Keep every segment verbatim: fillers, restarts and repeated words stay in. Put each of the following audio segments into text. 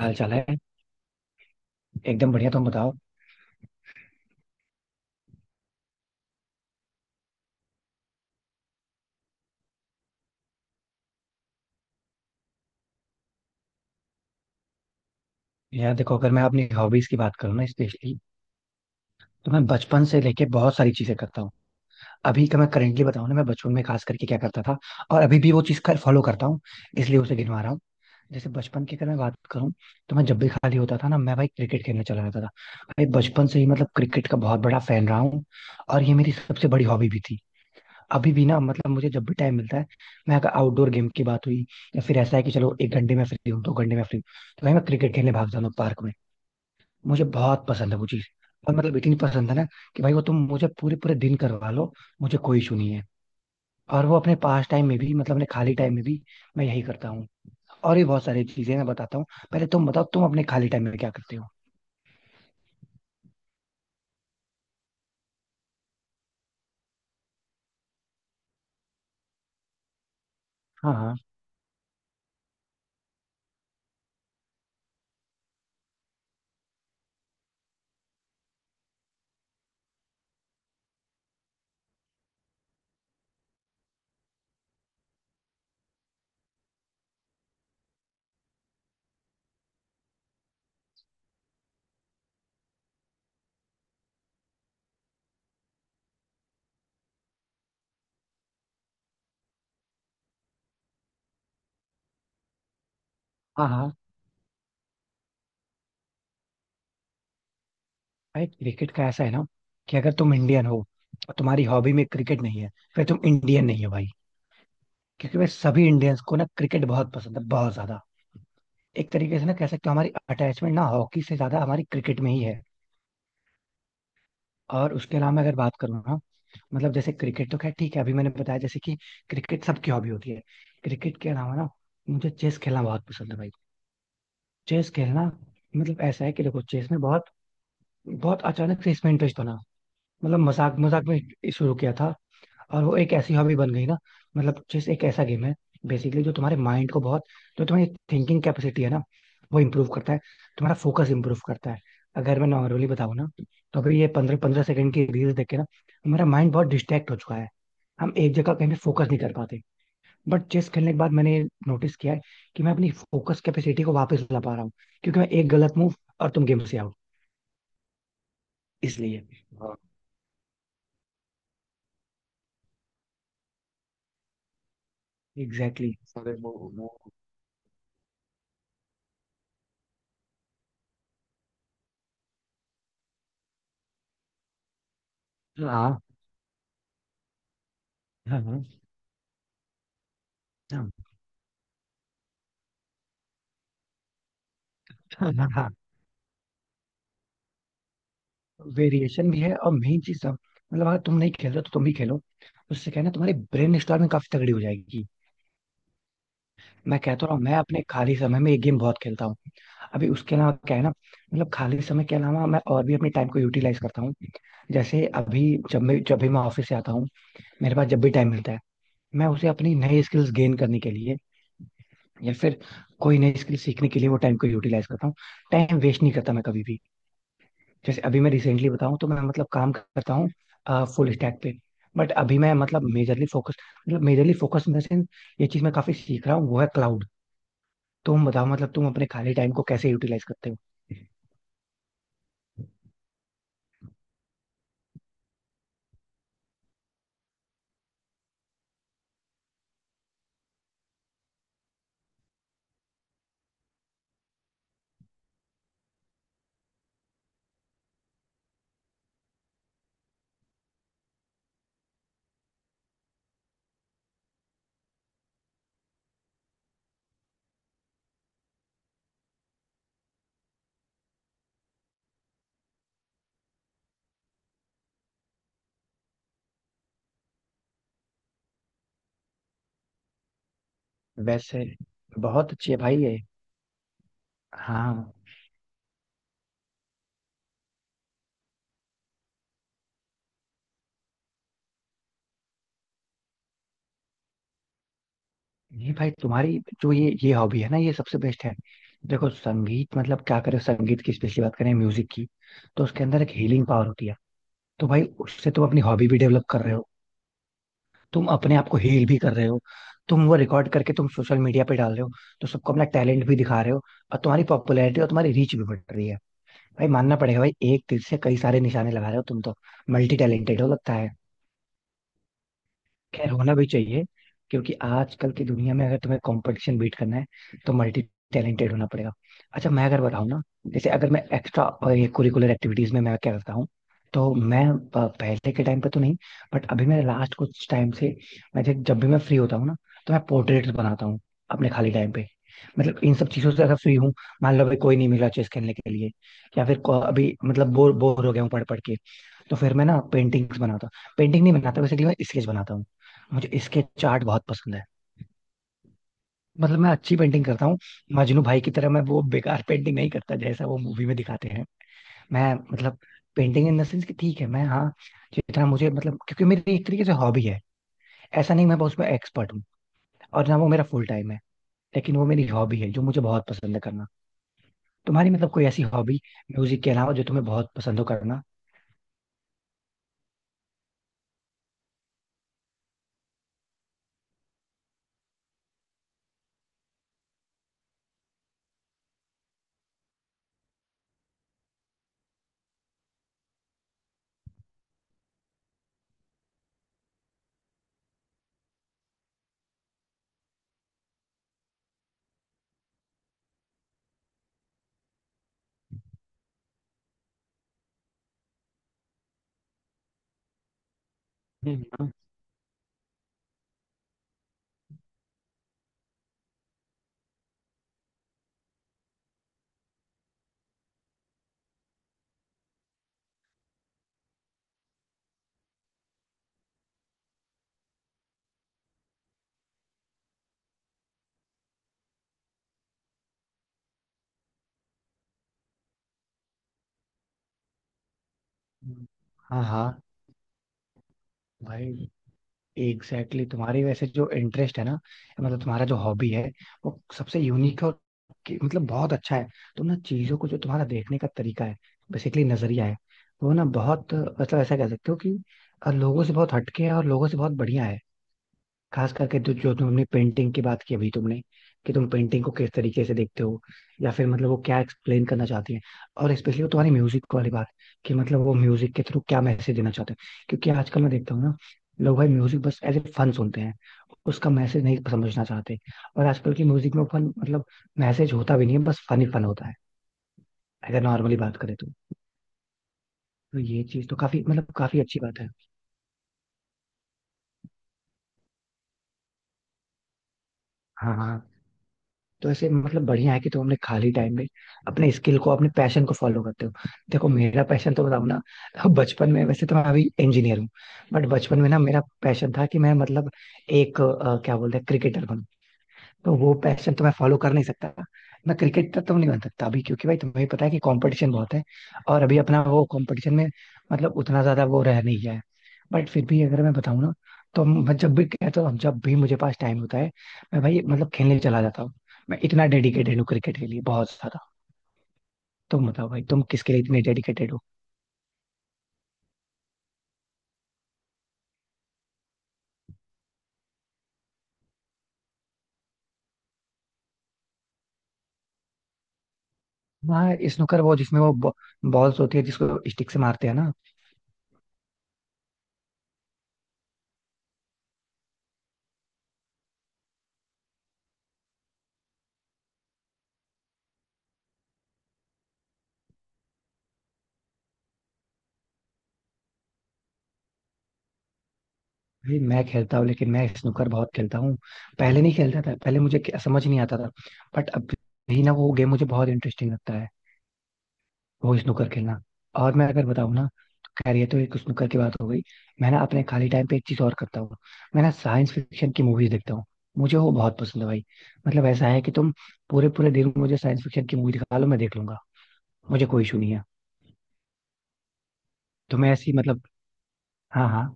हाल चाल है। एकदम बढ़िया, तुम बताओ। यार देखो, अगर मैं अपनी हॉबीज की बात करूँ ना स्पेशली, तो मैं बचपन से लेके बहुत सारी चीजें करता हूँ। अभी का मैं करेंटली बताऊँ ना, मैं बचपन में खास करके क्या करता था और अभी भी वो चीज कर फॉलो करता हूँ, इसलिए उसे गिनवा रहा हूँ। जैसे बचपन की अगर मैं बात करूँ, तो मैं जब भी खाली होता था ना, मैं भाई क्रिकेट खेलने चला जाता था। भाई बचपन से ही मतलब क्रिकेट का बहुत बड़ा फैन रहा हूँ, और ये मेरी सबसे बड़ी हॉबी भी थी। अभी भी ना मतलब मुझे जब भी टाइम मिलता है, मैं अगर आउटडोर गेम की बात हुई, या फिर ऐसा है कि चलो एक घंटे में फ्री हूँ दो घंटे में फ्री हूँ, तो भाई मैं क्रिकेट खेलने भाग जाता हूँ पार्क में। मुझे बहुत पसंद है वो चीज। और मतलब इतनी पसंद है ना, कि भाई वो तुम मुझे पूरे पूरे दिन करवा लो, मुझे कोई इशू नहीं है। और वो अपने पास टाइम में भी मतलब अपने खाली टाइम में भी मैं यही करता हूँ। और भी बहुत सारी चीजें मैं बताता हूँ, पहले तुम बताओ तुम अपने खाली टाइम में क्या करते हो। हाँ, हाँ, हाँ, हाँ। भाई क्रिकेट का ऐसा है ना, कि अगर तुम इंडियन हो और तुम्हारी हॉबी में क्रिकेट नहीं है, फिर तुम इंडियन नहीं हो भाई। क्योंकि मैं सभी इंडियंस को ना क्रिकेट बहुत पसंद है, बहुत ज्यादा। एक तरीके से ना कह सकते हो हमारी अटैचमेंट ना हॉकी से ज्यादा हमारी क्रिकेट में ही है। और उसके अलावा मैं अगर बात करूँ ना, मतलब जैसे क्रिकेट तो खैर ठीक है, अभी मैंने बताया जैसे कि क्रिकेट सबकी हॉबी होती है। क्रिकेट के अलावा ना मुझे चेस खेलना बहुत पसंद है भाई। चेस खेलना, मतलब ऐसा है कि देखो चेस में बहुत, बहुत अचानक से इसमें इंटरेस्ट बना। मतलब मजाक मजाक में शुरू किया था, और वो एक ऐसी हॉबी बन गई ना। मतलब चेस एक ऐसा गेम है बेसिकली जो तुम्हारे माइंड को बहुत, जो तुम्हारी थिंकिंग कैपेसिटी है ना, वो इम्प्रूव करता है। तुम्हारा फोकस इम्प्रूव करता है। अगर मैं नॉर्मली बताऊँ ना, तो अभी ये पंद्रह पंद्रह सेकंड की रील्स देख के ना हमारा माइंड बहुत डिस्ट्रैक्ट हो चुका है। हम एक जगह कहीं पे फोकस नहीं कर पाते। बट चेस खेलने के बाद मैंने नोटिस किया है कि मैं अपनी फोकस कैपेसिटी को वापस ला पा रहा हूँ। क्योंकि मैं एक गलत मूव और तुम गेम से आउट। इसलिए एग्जैक्टली exactly। हाँ, हाँ, हाँ, हाँ। वेरिएशन भी है, और मेन चीज सब, मतलब अगर तुम नहीं खेल रहे हो तो तुम भी खेलो। उससे क्या है ना, तुम्हारी ब्रेन स्टॉर्मिंग काफी तगड़ी हो जाएगी। मैं कहता रहा हूँ मैं अपने खाली समय में ये गेम बहुत खेलता हूँ। अभी उसके अलावा क्या है ना, मतलब खाली समय के अलावा मैं और भी अपने टाइम को यूटिलाइज करता हूँ। जैसे अभी, जब मैं जब भी मैं ऑफिस से आता हूँ, मेरे पास जब भी टाइम मिलता है, मैं उसे अपनी नई स्किल्स गेन करने के लिए या फिर कोई नई स्किल सीखने के लिए वो टाइम को यूटिलाइज करता हूँ। टाइम वेस्ट नहीं करता मैं कभी भी। जैसे अभी मैं रिसेंटली बताऊं, तो मैं मतलब काम करता हूँ फुल स्टैक पे। बट अभी मैं मतलब मेजरली फोकस मतलब majorly focus in the sense, ये चीज मैं काफी सीख रहा हूँ वो है क्लाउड। तुम बताओ मतलब तुम अपने खाली टाइम को कैसे यूटिलाइज करते हो। वैसे बहुत अच्छी है भाई ये। हाँ। नहीं भाई, तुम्हारी जो ये ये हॉबी है ना, ये सबसे बेस्ट है। देखो संगीत, मतलब क्या करें, संगीत की स्पेशली बात करें म्यूजिक की, तो उसके अंदर एक हीलिंग पावर होती है। तो भाई उससे तुम अपनी हॉबी भी डेवलप कर रहे हो, तुम अपने आप को हील भी कर रहे हो, तुम वो रिकॉर्ड करके तुम सोशल मीडिया पे डाल रहे हो, तो सबको अपना टैलेंट भी दिखा रहे हो, और तुम्हारी पॉपुलैरिटी और तुम्हारी रीच भी बढ़ रही है। भाई मानना पड़ेगा, भाई एक तीर से कई सारे निशाने लगा रहे हो तुम तो। मल्टी टैलेंटेड हो लगता है। खैर होना भी चाहिए, क्योंकि आजकल की दुनिया में अगर तुम्हें कंपटीशन बीट करना है तो मल्टी टैलेंटेड होना पड़ेगा। अच्छा मैं अगर बताऊँ ना, जैसे अगर मैं एक्स्ट्रा और ये कुरिकुलर एक्टिविटीज में मैं क्या करता हूँ, तो मैं अ, पहले के टाइम पे तो नहीं, बट अभी मेरे लास्ट कुछ टाइम से, मैं जब जब भी मैं फ्री होता हूँ ना, तो मैं पोर्ट्रेट्स बनाता हूँ अपने खाली टाइम पे। मतलब इन सब चीजों से अगर फ्री हूँ, मान लो अभी कोई नहीं मिला चेस खेलने के लिए, या फिर को- अभी मतलब बोर बोर हो गया हूँ पढ़ पढ़ के, तो फिर मैं ना पेंटिंग्स बनाता हूँ। पेंटिंग नहीं बनाता बेसिकली, मैं स्केच बनाता हूँ। मुझे स्केच आर्ट बहुत पसंद है, मतलब मैं अच्छी पेंटिंग करता हूँ। मजनू भाई की तरह मैं वो बेकार पेंटिंग नहीं करता जैसा वो मूवी में दिखाते हैं। मैं मतलब पेंटिंग इन द सेंस कि ठीक है मैं, हाँ, जितना मुझे मतलब, क्योंकि मेरी एक तरीके से हॉबी है। ऐसा नहीं मैं बहुत उसमें एक्सपर्ट हूँ और ना वो मेरा फुल टाइम है, लेकिन वो मेरी हॉबी है जो मुझे बहुत पसंद है करना। तुम्हारी मतलब कोई ऐसी हॉबी, म्यूजिक के अलावा, जो तुम्हें बहुत पसंद हो करना। हम्म, हाँ हाँ भाई एग्जैक्टली exactly, तुम्हारी वैसे जो इंटरेस्ट है ना, मतलब तुम्हारा जो हॉबी है, वो सबसे यूनिक है और कि- मतलब बहुत अच्छा है। तुम ना चीजों को जो तुम्हारा देखने का तरीका है बेसिकली, नजरिया है, वो ना बहुत मतलब ऐसा कह सकते हो कि अ, लोगों से बहुत हटके है और लोगों से बहुत बढ़िया है। खास करके तो जो तुमने पेंटिंग की बात की अभी तुमने, कि तुम पेंटिंग को किस तरीके से देखते हो, या फिर मतलब वो क्या एक्सप्लेन करना चाहती है, और स्पेशली वो तुम्हारी म्यूजिक वाली बात, कि मतलब वो म्यूजिक के थ्रू क्या मैसेज देना चाहते हैं। क्योंकि आजकल मैं देखता हूँ ना, लोग भाई म्यूजिक बस एज ए फन सुनते हैं, उसका मैसेज नहीं समझना चाहते। और आजकल की म्यूजिक में फन मतलब, मैसेज होता भी नहीं है बस फन ही फन होता है। अगर नॉर्मली बात करें तो, तो ये चीज तो काफी मतलब काफी अच्छी बात है। हाँ, हाँ। तो ऐसे मतलब बढ़िया है कि तुम अपने खाली टाइम में अपने स्किल को अपने पैशन को फॉलो करते हो। देखो मेरा पैशन तो बताऊं ना, बचपन में, वैसे तो मैं अभी इंजीनियर हूँ, बट बचपन में ना मेरा पैशन था कि मैं मतलब एक अ, क्या बोलते हैं क्रिकेटर। तो वो पैशन तो मैं फॉलो कर नहीं सकता, मैं क्रिकेटर तो नहीं बन सकता अभी, क्योंकि भाई तुम्हें पता है कि कंपटीशन बहुत है। और अभी अपना वो कंपटीशन में मतलब उतना ज्यादा वो रह नहीं गया है। बट फिर भी अगर मैं बताऊँ ना, तो मैं जब भी कहता हूँ जब भी मुझे पास टाइम होता है मैं भाई मतलब खेलने चला जाता हूँ। मैं इतना डेडिकेटेड हूँ क्रिकेट के लिए, बहुत ज्यादा। तुम बताओ भाई तुम किसके लिए इतने डेडिकेटेड हो। हाँ स्नूकर, वो जिसमें वो बॉल्स होती है जिसको स्टिक से मारते हैं ना। भाई मैं खेलता हूँ लेकिन मैं स्नूकर बहुत खेलता हूँ। पहले नहीं खेलता था, पहले मुझे खे- समझ नहीं आता था। बट अब भी ना वो गेम मुझे बहुत इंटरेस्टिंग लगता है, वो स्नूकर खेलना। और मैं अगर बताऊँ ना, खैर ये तो एक स्नूकर की बात हो गई, मैं ना अपने खाली टाइम पे एक चीज और करता हूँ, मैं ना साइंस फिक्शन की मूवीज देखता हूँ। मुझे वो बहुत पसंद है भाई। मतलब ऐसा है कि तुम पूरे पूरे दिन मुझे साइंस फिक्शन की मूवी दिखा लो मैं देख लूंगा, मुझे कोई इशू नहीं है। तो मैं ऐसी मतलब, हाँ, हाँ,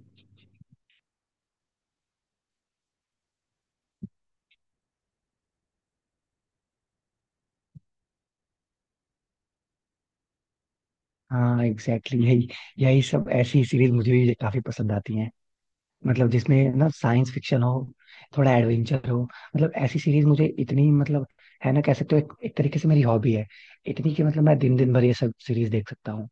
हाँ एग्जैक्टली exactly, यही यही सब ऐसी सीरीज मुझे भी काफी पसंद आती हैं। मतलब जिसमें ना साइंस फिक्शन हो, थोड़ा एडवेंचर हो, मतलब ऐसी सीरीज मुझे इतनी मतलब है ना, कह सकते हो एक, एक तरीके से मेरी हॉबी है, इतनी कि मतलब मैं दिन दिन भर ये सब सीरीज देख सकता हूँ।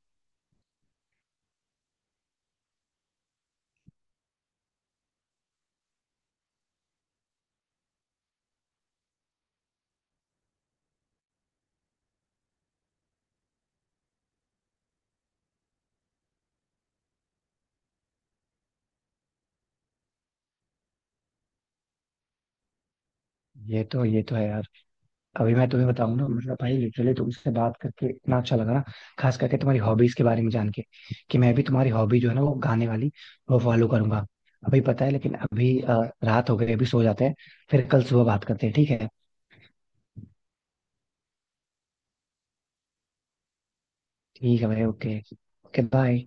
ये तो ये तो है यार। अभी मैं तुम्हें बताऊं ना, मतलब भाई लिटरली तुमसे बात करके इतना अच्छा लगा ना, खास करके तुम्हारी हॉबीज के बारे में जान के, कि मैं भी तुम्हारी हॉबी जो है ना वो गाने वाली वो फॉलो करूंगा। अभी पता है लेकिन अभी अ, रात हो गई, अभी सो जाते हैं, फिर कल सुबह बात करते हैं ठीक है। ठीक है भाई, ओके। Okay bye.